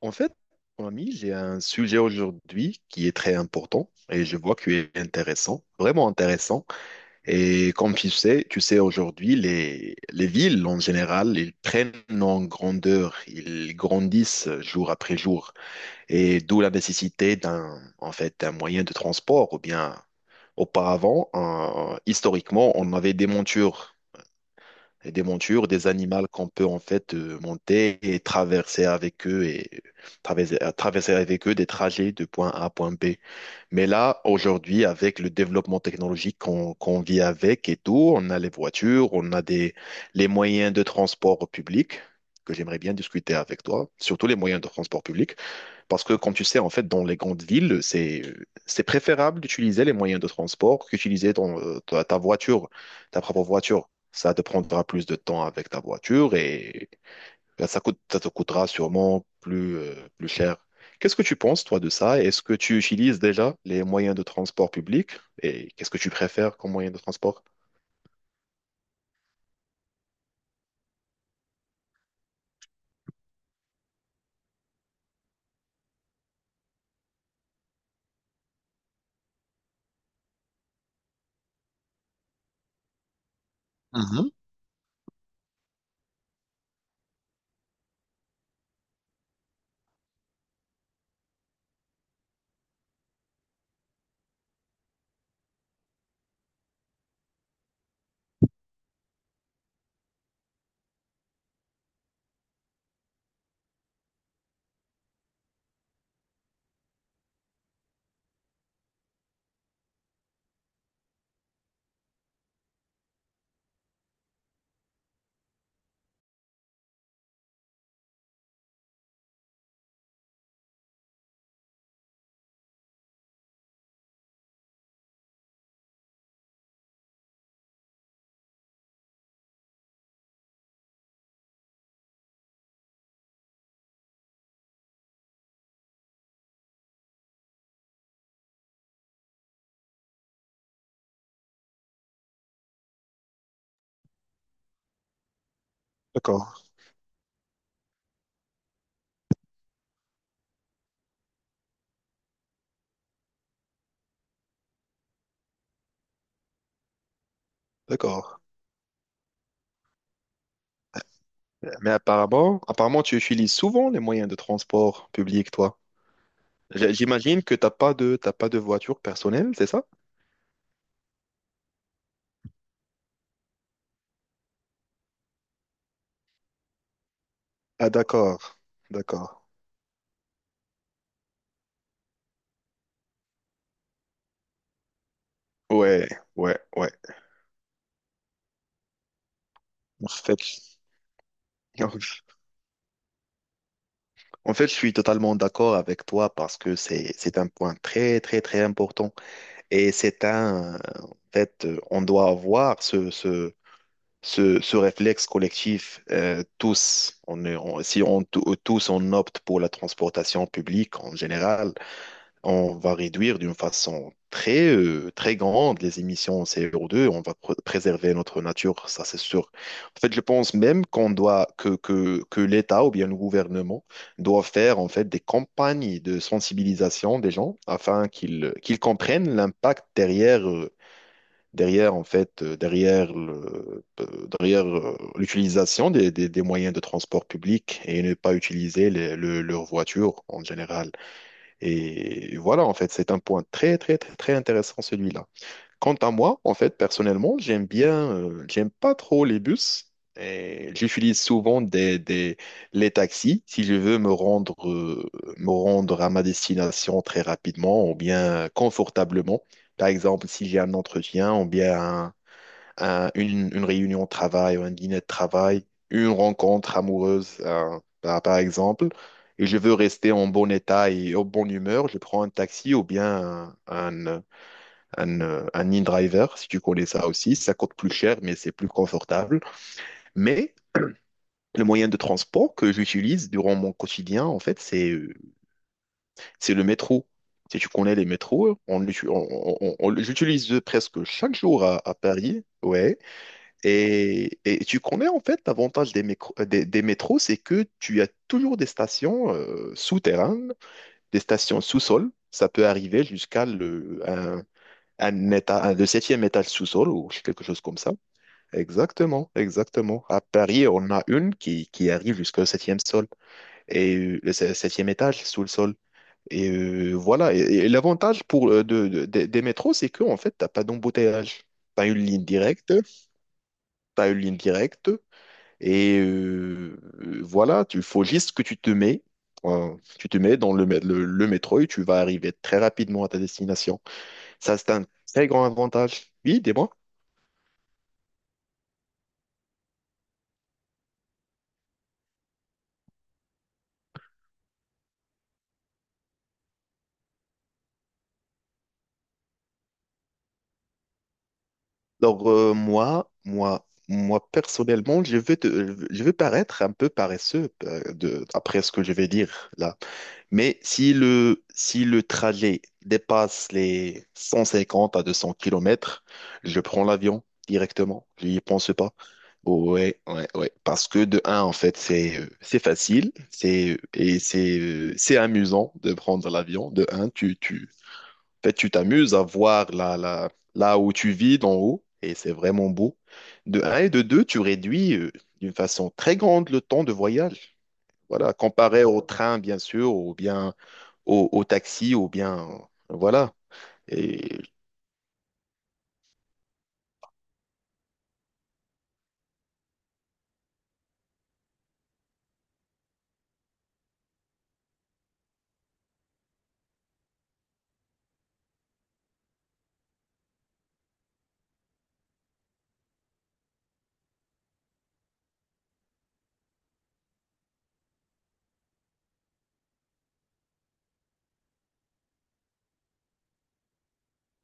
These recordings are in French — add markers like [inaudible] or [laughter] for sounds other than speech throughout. En fait, mon ami, j'ai un sujet aujourd'hui qui est très important et je vois qu'il est intéressant, vraiment intéressant. Et comme tu sais aujourd'hui, les villes en général, ils prennent en grandeur, ils grandissent jour après jour. Et d'où la nécessité d'un, en fait, d'un moyen de transport ou bien auparavant, historiquement, on avait des montures et des montures, des animaux qu'on peut en fait monter et traverser avec eux et traverser avec eux des trajets de point A à point B. Mais là, aujourd'hui, avec le développement technologique qu'on vit avec et tout, on a les voitures, on a des, les moyens de transport public, que j'aimerais bien discuter avec toi, surtout les moyens de transport public. Parce que, comme tu sais, en fait, dans les grandes villes, c'est préférable d'utiliser les moyens de transport qu'utiliser ton, ta voiture, ta propre voiture. Ça te prendra plus de temps avec ta voiture et ben, ça coûte, ça te coûtera sûrement plus, plus cher. Qu'est-ce que tu penses, toi, de ça? Est-ce que tu utilises déjà les moyens de transport public et qu'est-ce que tu préfères comme moyen de transport? Mhm. D'accord, d'accord. Mais apparemment, apparemment, tu utilises souvent les moyens de transport public, toi. J'imagine que t'as pas de voiture personnelle, c'est ça? Ah d'accord, d'accord. Ouais, ouais, ouais. En fait, [laughs] en fait, je suis totalement d'accord avec toi parce que c'est un point très très très important et c'est un en fait on doit avoir ce ce réflexe collectif tous. On est si on tous on opte pour la transportation publique en général. On va réduire d'une façon très, très grande les émissions CO2, on va préserver notre nature, ça c'est sûr. En fait, je pense même qu'on doit, que l'État ou bien le gouvernement doit faire en fait des campagnes de sensibilisation des gens afin qu'ils comprennent l'impact derrière, derrière en fait, derrière le, derrière l'utilisation des moyens de transport public et ne pas utiliser leur voiture en général. Et voilà, en fait, c'est un point très, très, très, très intéressant, celui-là. Quant à moi, en fait, personnellement, j'aime bien, j'aime pas trop les bus. Et j'utilise souvent les taxis si je veux me rendre à ma destination très rapidement ou bien confortablement. Par exemple, si j'ai un entretien ou bien une réunion de travail, un dîner de travail, une rencontre amoureuse, par, par exemple, et je veux rester en bon état et en bonne humeur, je prends un taxi ou bien un, un in-driver, si tu connais ça aussi. Ça coûte plus cher, mais c'est plus confortable. Mais le moyen de transport que j'utilise durant mon quotidien, en fait, c'est le métro. Si tu connais les métros, on, j'utilise presque chaque jour à Paris. Ouais. Et tu connais en fait l'avantage des, des métros, c'est que tu as toujours des stations souterraines, des stations sous-sol. Ça peut arriver jusqu'à le, un, le septième étage sous-sol ou quelque chose comme ça. Exactement, exactement. À Paris, on a une qui arrive jusqu'au septième sol et le septième étage sous le sol. Et voilà. Et l'avantage pour des métros, c'est que en fait, t'as pas d'embouteillage. T'as une ligne directe. T'as une ligne directe. Et voilà, il faut juste que tu te mets dans le, le métro et tu vas arriver très rapidement à ta destination. Ça, c'est un très grand avantage. Oui, dis-moi. Alors, moi, moi, moi, personnellement, je veux, je veux paraître un peu paresseux de, après ce que je vais dire. Mais si le, si le trajet dépasse les 150 à 200 kilomètres, je prends l'avion directement. Je n'y pense pas. Ouais, ouais, ouais. Parce que de un, en fait, c'est facile, c'est et c'est c'est amusant de prendre l'avion. De un, tu en fait, tu t'amuses à voir là là où tu vis d'en haut et c'est vraiment beau. De un et de deux, tu réduis d'une façon très grande le temps de voyage. Voilà, comparé au train bien sûr ou bien au, au taxi ou bien voilà. Et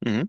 mhm.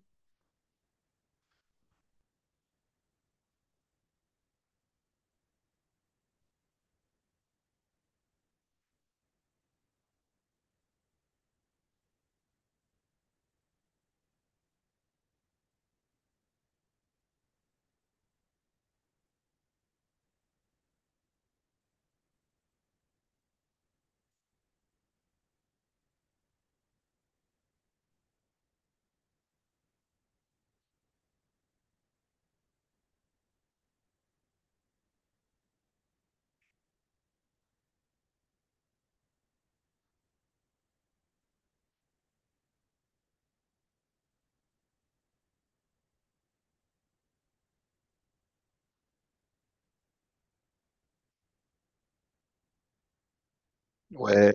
Ouais,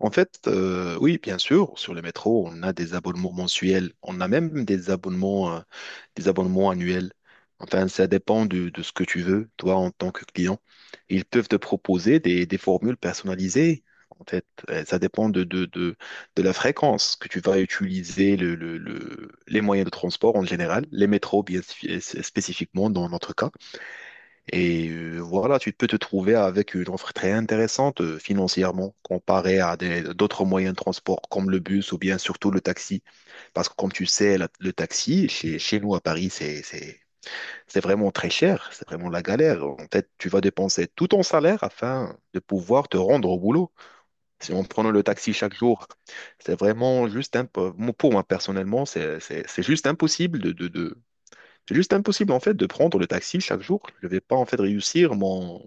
en fait, oui, bien sûr, sur le métro, on a des abonnements mensuels, on a même des abonnements annuels. Enfin, ça dépend de ce que tu veux, toi, en tant que client. Ils peuvent te proposer des formules personnalisées. En fait, ça dépend de la fréquence que tu vas utiliser les moyens de transport en général, les métros bien spécifiquement dans notre cas. Et voilà, tu peux te trouver avec une offre très intéressante financièrement comparée à d'autres moyens de transport comme le bus ou bien surtout le taxi. Parce que comme tu sais, le taxi chez, chez nous à Paris, c'est vraiment très cher, c'est vraiment la galère. En fait, tu vas dépenser tout ton salaire afin de pouvoir te rendre au boulot. Si on prenait le taxi chaque jour, c'est vraiment pour moi personnellement, c'est juste impossible c'est juste impossible en fait de prendre le taxi chaque jour. Je vais pas en fait réussir mon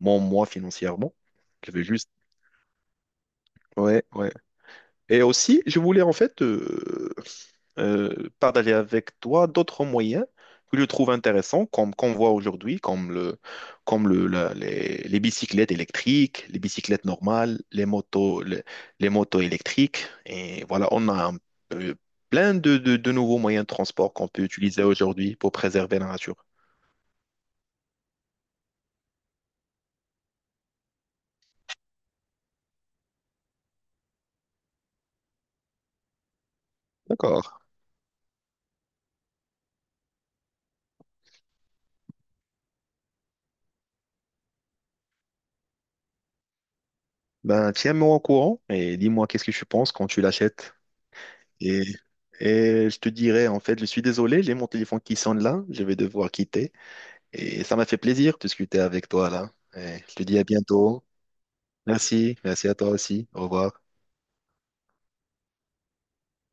mon moi financièrement. Je vais juste. Ouais, ouais. Et aussi, je voulais en fait partager avec toi d'autres moyens que je trouve intéressants, comme qu'on voit aujourd'hui, comme le, comme les bicyclettes électriques, les bicyclettes normales, les motos électriques. Et voilà, on a un peu- plein de nouveaux moyens de transport qu'on peut utiliser aujourd'hui pour préserver la nature. D'accord. Ben, tiens-moi au courant et dis-moi qu'est-ce que tu penses quand tu l'achètes. Et, et je te dirais, en fait, je suis désolé, j'ai mon téléphone qui sonne là, je vais devoir quitter. Et ça m'a fait plaisir de discuter avec toi là. Et je te dis à bientôt. Merci, merci à toi aussi. Au revoir.